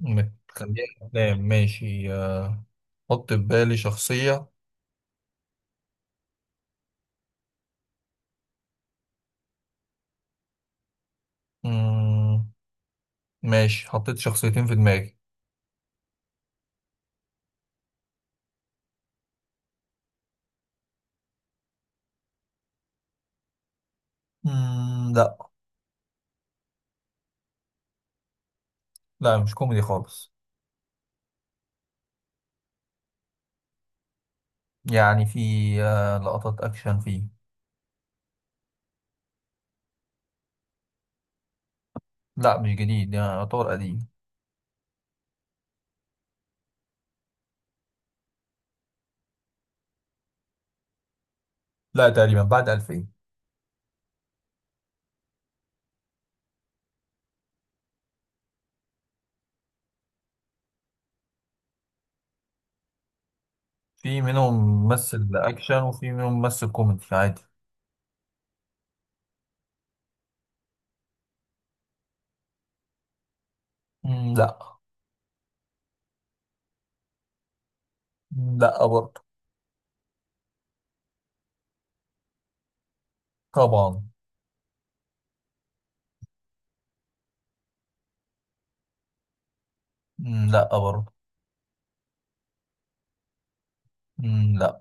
بتخليها أفلام، ماشي. حط في بالي شخصية. مم، ماشي، حطيت شخصيتين في دماغي. مم، لا. لا مش كوميدي خالص. يعني في لقطات أكشن فيه. لا مش جديد، يعني يعتبر قديم. لا تقريبا بعد 2000. في منهم ممثل أكشن وفي منهم ممثل كوميدي عادي. مم، لا. مم، لا برضه. طبعا. مم، لا برضه. مم، لا.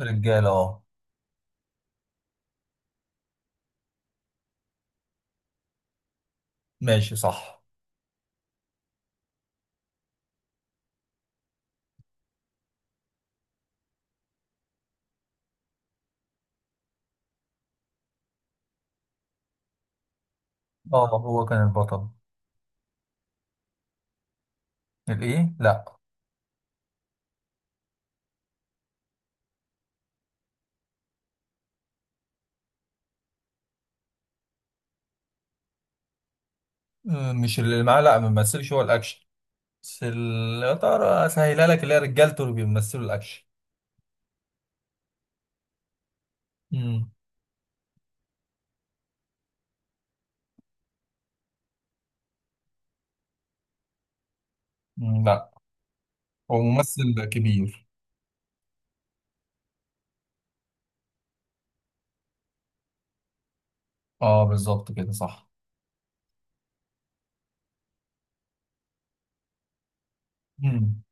رجالة اه. ماشي صح. اه هو كان البطل. الايه لا. مش اللي معاه، لا ما بيمثلش هو الاكشن. بس يا ترى اسهلها لك اللي هي رجالته اللي بيمثلوا الاكشن. امم. مم، لا. هو ممثل كبير. اه بالظبط كده صح. امم.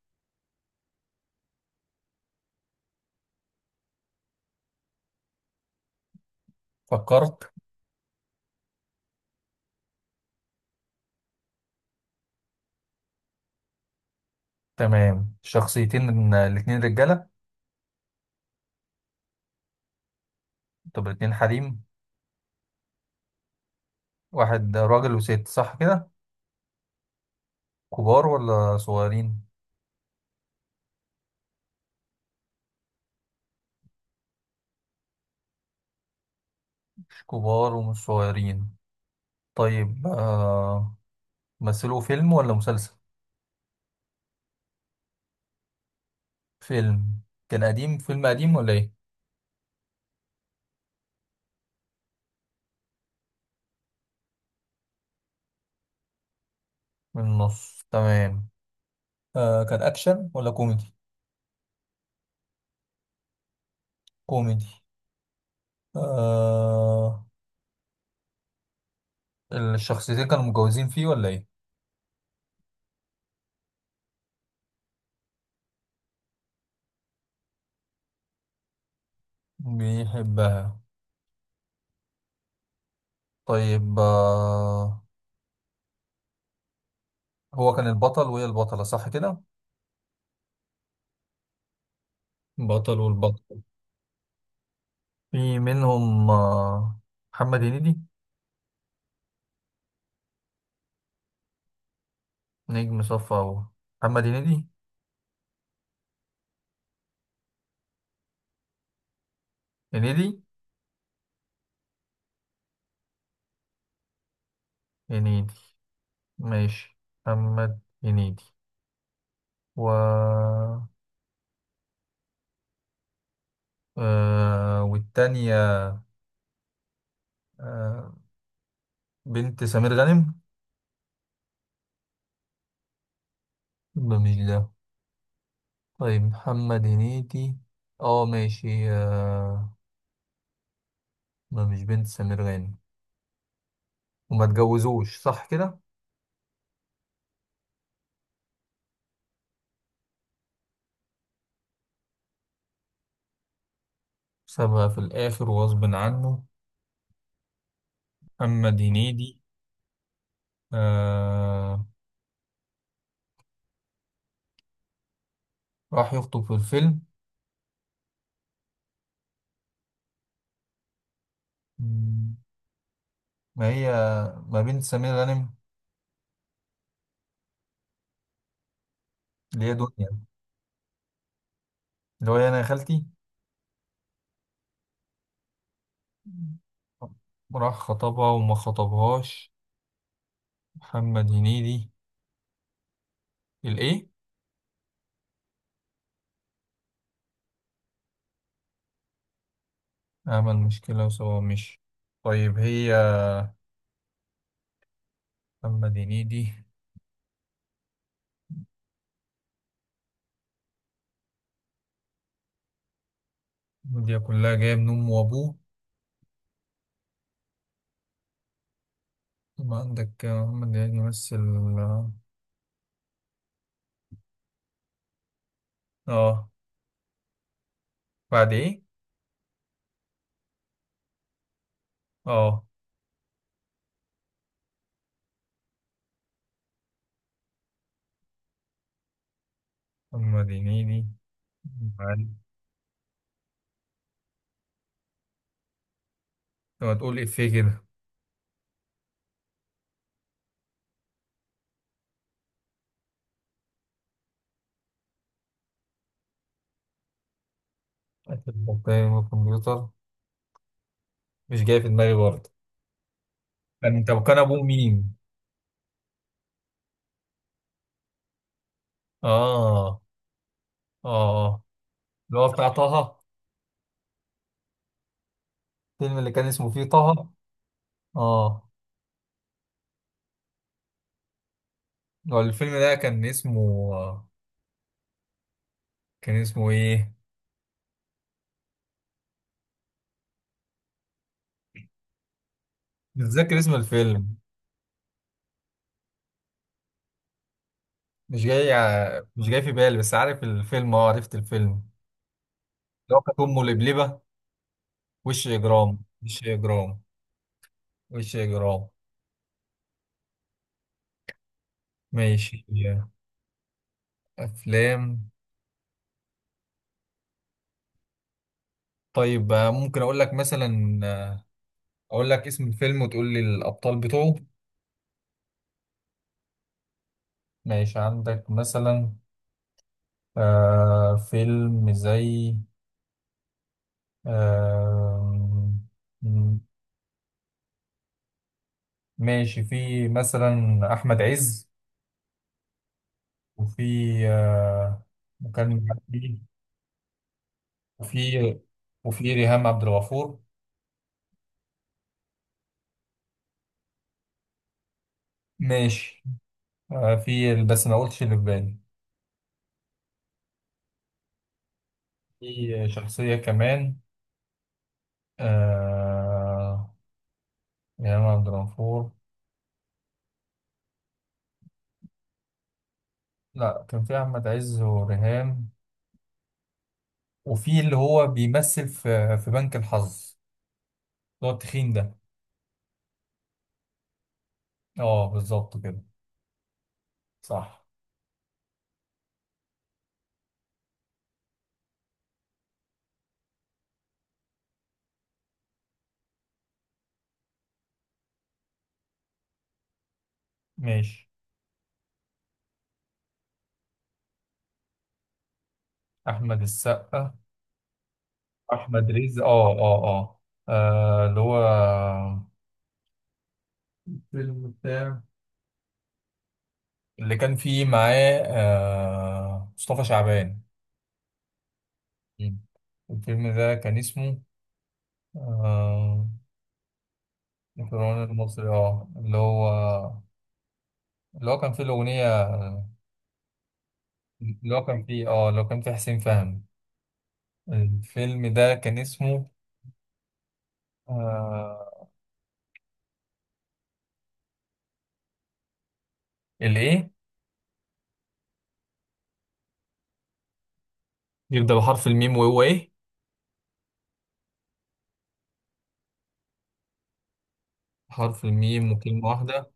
فكرت. تمام، شخصيتين من الاتنين رجالة. طب الاتنين حريم. واحد راجل وست، صح كده. كبار ولا صغيرين؟ مش كبار ومش صغيرين. طيب، مثلوا فيلم ولا مسلسل؟ فيلم. كان قديم، فيلم قديم ولا ايه؟ من النص، تمام. كان أكشن ولا كوميدي؟ كوميدي. آه الشخصيتين كانوا متجوزين فيه ولا إيه؟ بيحبها. طيب، هو كان البطل وهي البطلة صح كده؟ بطل والبطل. في منهم محمد هنيدي. نجم صف أول. محمد هنيدي. هنيدي. هنيدي. ماشي. محمد هنيدي و آه والتانية. آه بنت سمير غانم. ده مش ده. طيب، محمد هنيدي. اه، ماشي. ما مش بنت سمير غانم. وما اتجوزوش صح كده. سابها في الآخر وغصب عنه. محمد هنيدي. آه راح يخطب في الفيلم. مم، ما هي، ما بنت سمير غانم، اللي هي دنيا. اللي هو إيه، أنا يا خالتي. راح خطبها وما خطبهاش. محمد هنيدي. الإيه؟ عمل مشكلة وسوا مش. طيب هي، محمد هنيدي. دي كلها جاية من أمه وأبوه. ثم عندك محمد هنيدي يمثل. آه آه، بعد إيه؟ آه محمد هنيدي. معلم. لما تقول إفيه كده. أكل بطارية من الكمبيوتر. مش جاي في دماغي برضه. كان أبوه مين؟ آه. آه اللي هو بتاع طه. الفيلم اللي كان اسمه فيه طه. آه هو الفيلم ده كان اسمه إيه؟ مش فاكر اسم الفيلم. مش جاي في بالي، بس عارف الفيلم. عرفت الفيلم. لو كانت أمه لبلبة. وش إجرام، وش إجرام، وش إجرام. ماشي. أفلام. طيب، ممكن أقول لك مثلا. أقول لك اسم الفيلم وتقول لي الأبطال بتوعه. ماشي عندك مثلا فيلم زي. آه م- ماشي في مثلا أحمد عز وفي آه وكان في وفي وفي ريهام عبد الغفور. ماشي. في، بس ما قلتش اللي في بالي. في شخصية كمان آه إمام عبد الغفور. لا كان في أحمد عز وريهام. وفي اللي هو بيمثل في بنك الحظ، اللي هو التخين ده. اه بالظبط كده صح. ماشي. أحمد السقا. أحمد رزق. اللي هو الفيلم بتاع، اللي كان فيه معاه مصطفى شعبان. مم. الفيلم ده كان اسمه آه، الفرعون المصري. اه اللي هو كان فيه الأغنية. اللي هو كان فيه حسين فهمي. الفيلم ده كان اسمه. آه الإيه؟ يبدأ بحرف الميم وهو إيه؟ حرف الميم وكلمة واحدة.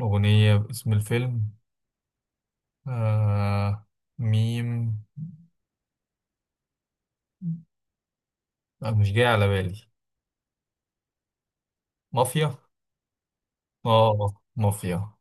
أغنية باسم الفيلم. آه ميم. مش جاي على بالي. مافيا. اه مافيا.